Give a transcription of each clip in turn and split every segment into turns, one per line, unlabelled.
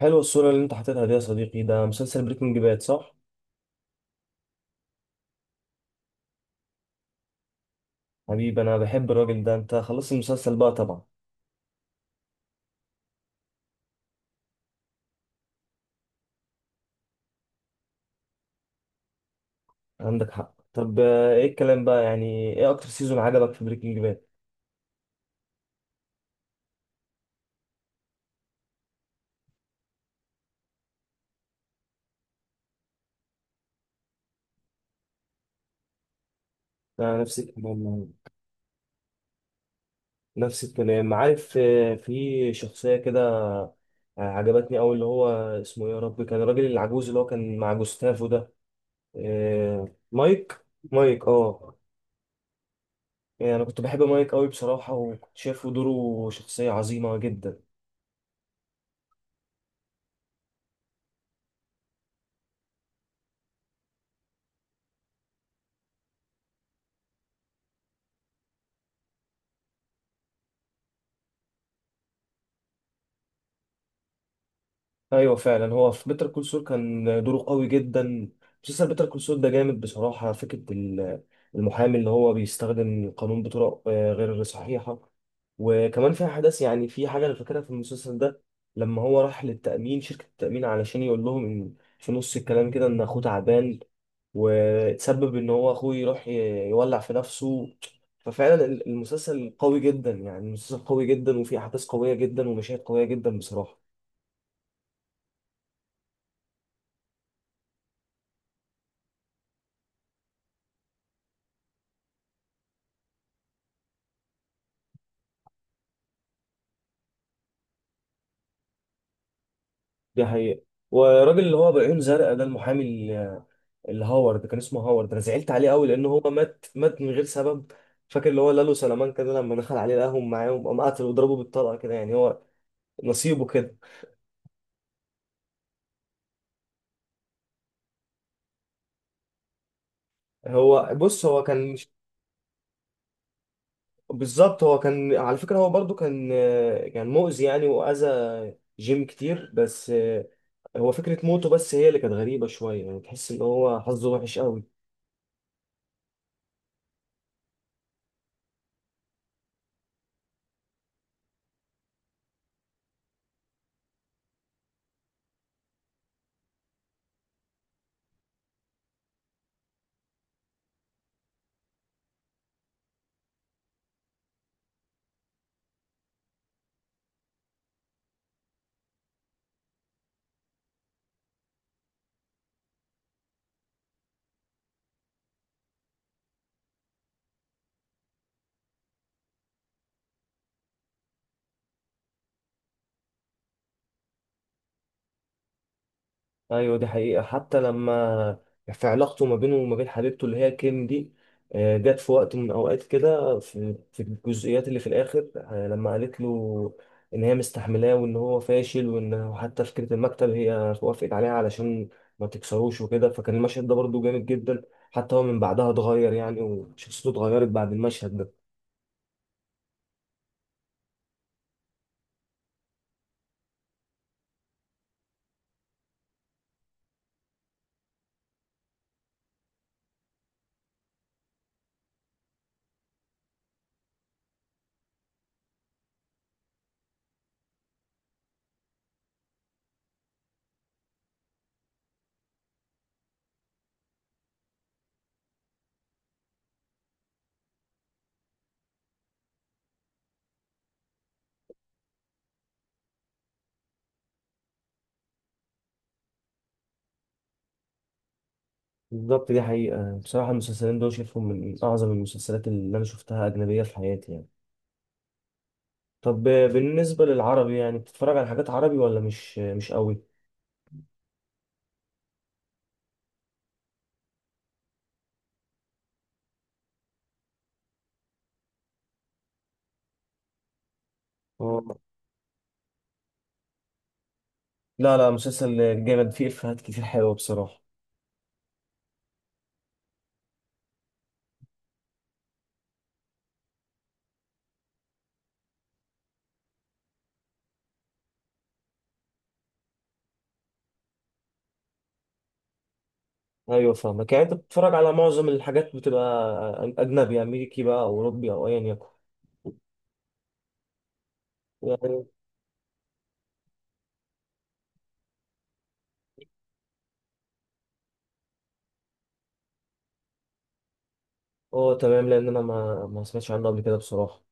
حلوة الصورة اللي انت حاططها دي يا صديقي، ده مسلسل بريكنج باد صح؟ حبيبي، انا بحب الراجل ده. انت خلصت المسلسل بقى طبعا. عندك حق. طب ايه الكلام بقى؟ يعني ايه اكتر سيزون عجبك في بريكنج باد؟ انا نفس الكلام يعني. نفس الكلام، عارف. في شخصية كده عجبتني أوي، اللي هو اسمه إيه يا رب، كان الراجل العجوز اللي هو كان مع جوستافو ده. آه، مايك. مايك اه. يعني انا كنت بحب مايك أوي بصراحة، وكنت شايفه دوره شخصية عظيمة جدا. ايوه فعلا، هو في بيتر كول سول كان دوره قوي جدا. مسلسل بيتر كول سول ده جامد بصراحه. فكره المحامي اللي هو بيستخدم القانون بطرق غير صحيحه. وكمان في احداث. يعني في حاجه انا فاكرها في المسلسل ده، لما هو راح للتامين، شركه التامين، علشان يقول لهم إن في نص الكلام كده ان اخوه تعبان، وتسبب ان هو اخوه يروح يولع في نفسه. ففعلا المسلسل قوي جدا. يعني المسلسل قوي جدا وفيه احداث قويه جدا ومشاهد قويه جدا بصراحه. دي حقيقة. والراجل اللي هو بعيون زرقاء ده، المحامي اللي هاورد، كان اسمه هاورد، انا زعلت عليه قوي لان هو مات مات من غير سبب. فاكر اللي هو لالو سلامان كده، لما دخل عليه لقاهم معاهم قام قتل وضربه بالطلقه كده. يعني هو نصيبه كده. هو بص، هو كان بالظبط، هو كان على فكره، هو برضو كان مؤذي، يعني واذى جيم كتير. بس هو فكره موته بس هي اللي كانت غريبه شويه، يعني تحس ان هو حظه وحش قوي. ايوه دي حقيقة. حتى لما في علاقته ما بينه وما بين حبيبته، اللي هي كيم دي، جت في وقت من الاوقات كده، في الجزئيات اللي في الاخر، لما قالت له ان هي مستحملاه وان هو فاشل وان حتى فكرة المكتب هي وافقت عليها علشان ما تكسروش وكده، فكان المشهد ده برضه جامد جدا. حتى هو من بعدها اتغير يعني، وشخصيته اتغيرت بعد المشهد ده. بالظبط، دي حقيقة. بصراحة المسلسلين دول شايفهم من أعظم المسلسلات اللي أنا شفتها أجنبية في حياتي يعني. طب بالنسبة للعربي، يعني بتتفرج على حاجات عربي ولا مش قوي؟ اه، لا لا، مسلسل جامد فيه إفيهات كتير حلوة بصراحة. أيوة فاهمك. يعني أنت بتتفرج على معظم الحاجات، بتبقى أجنبي أمريكي بقى أو أوروبي أو أيا يكن. يعني أه تمام، لأن أنا ما سمعتش عنه قبل كده بصراحة.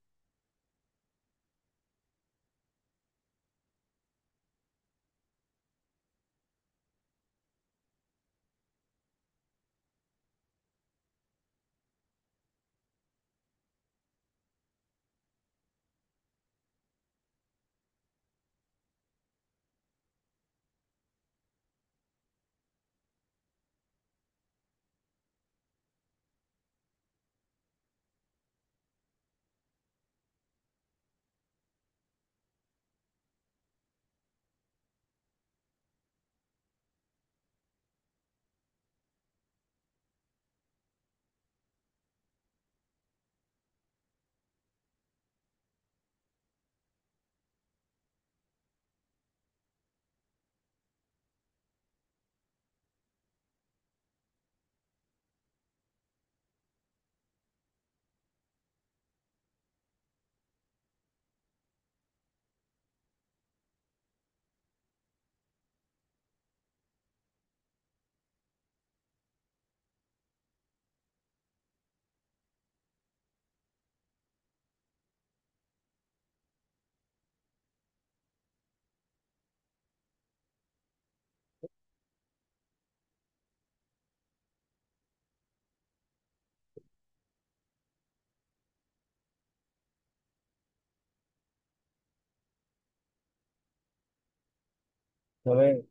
تمام،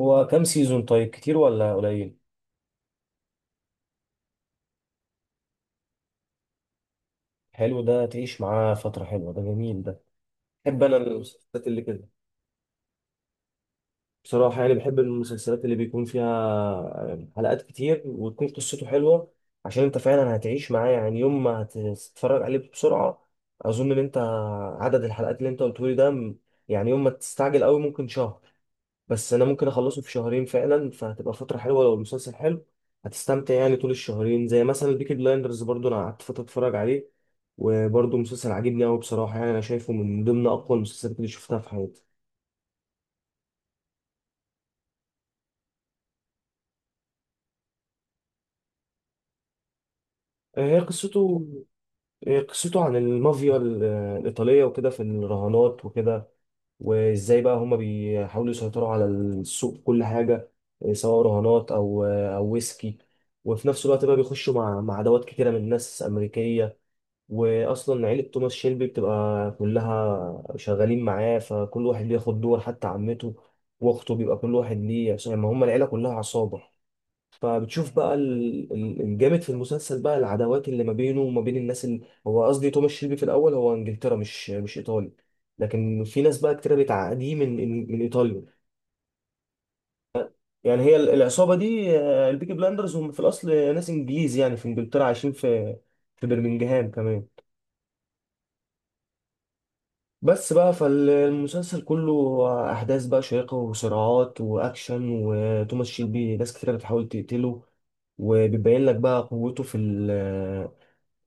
هو كام سيزون؟ طيب كتير ولا قليل؟ حلو، ده تعيش معاه فترة حلوة، ده جميل ده. بحب أنا المسلسلات اللي كده بصراحة. يعني بحب المسلسلات اللي بيكون فيها حلقات كتير وتكون قصته حلوة. عشان انت فعلا هتعيش معاه. يعني يوم ما هتتفرج عليه بسرعة، اظن ان انت عدد الحلقات اللي انت قلتهولي ده يعني يوم ما تستعجل قوي ممكن شهر، بس انا ممكن اخلصه في شهرين فعلا، فهتبقى فترة حلوة لو المسلسل حلو. هتستمتع يعني طول الشهرين. زي مثلا بيكي بلايندرز، برضو انا قعدت فترة اتفرج عليه، وبرضو مسلسل عاجبني قوي بصراحة. يعني انا شايفه من ضمن اقوى المسلسلات اللي شفتها في حياتي. هي قصته إيه؟ قصته عن المافيا الإيطالية وكده، في الرهانات وكده، وإزاي بقى هما بيحاولوا يسيطروا على السوق في كل حاجة، إيه سواء رهانات أو أو ويسكي. وفي نفس الوقت بقى بيخشوا مع عدوات كتيرة من ناس أمريكية. وأصلا عيلة توماس شيلبي بتبقى كلها شغالين معاه، فكل واحد بياخد دور، حتى عمته وأخته، بيبقى كل واحد ليه، عشان ما هما العيلة كلها عصابة. فبتشوف بقى الجامد في المسلسل بقى، العداوات اللي ما بينه وما بين الناس اللي، هو قصدي توماس شيلبي، في الاول هو انجلترا، مش ايطالي، لكن في ناس بقى كتير بتعاديه من ايطاليا. يعني هي العصابه دي، البيكي بلاندرز، هم في الاصل ناس انجليز يعني، في انجلترا عايشين في في برمنجهام كمان. بس بقى فالمسلسل كله احداث بقى شيقه وصراعات واكشن، وتوماس شيلبي ناس كتير بتحاول تقتله، وبيبين لك بقى قوته في ال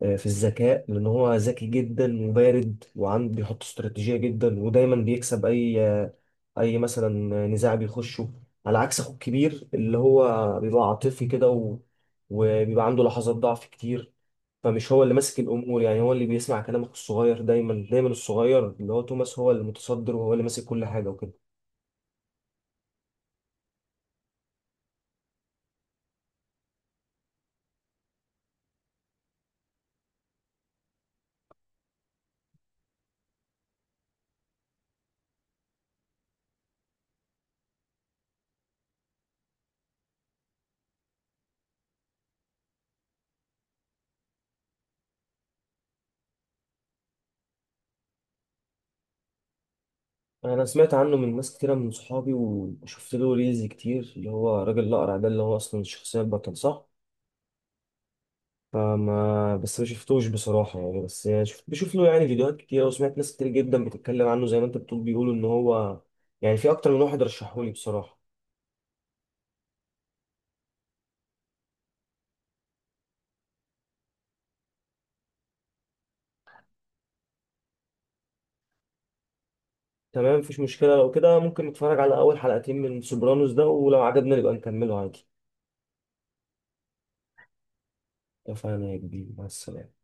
آه، في الذكاء، لأن هو ذكي جدا وبارد وعنده بيحط استراتيجية جدا، ودايما بيكسب أي مثلا نزاع بيخشه، على عكس أخوه الكبير اللي هو بيبقى عاطفي كده وبيبقى عنده لحظات ضعف كتير. فمش هو اللي ماسك الأمور. يعني هو اللي بيسمع كلام أخوه الصغير، دايما دايما الصغير اللي هو توماس هو اللي متصدر وهو اللي ماسك كل حاجة وكده. انا سمعت عنه من ناس كتيره من صحابي، وشفت له ريلز كتير، اللي هو راجل الاقرع ده، اللي هو اصلا الشخصيه البطل صح؟ فما بس ما شفتوش بصراحة يعني. بس يعني شفت بشوف له يعني فيديوهات كتير، وسمعت ناس كتير جدا بتتكلم عنه زي ما انت بتقول، بيقولوا ان هو يعني، في اكتر من واحد رشحهولي بصراحة. تمام، مفيش مشكلة لو كده. ممكن نتفرج على اول حلقتين من سوبرانوس ده، ولو عجبنا نبقى نكمله عادي. اتفقنا يا كبير. مع السلامة.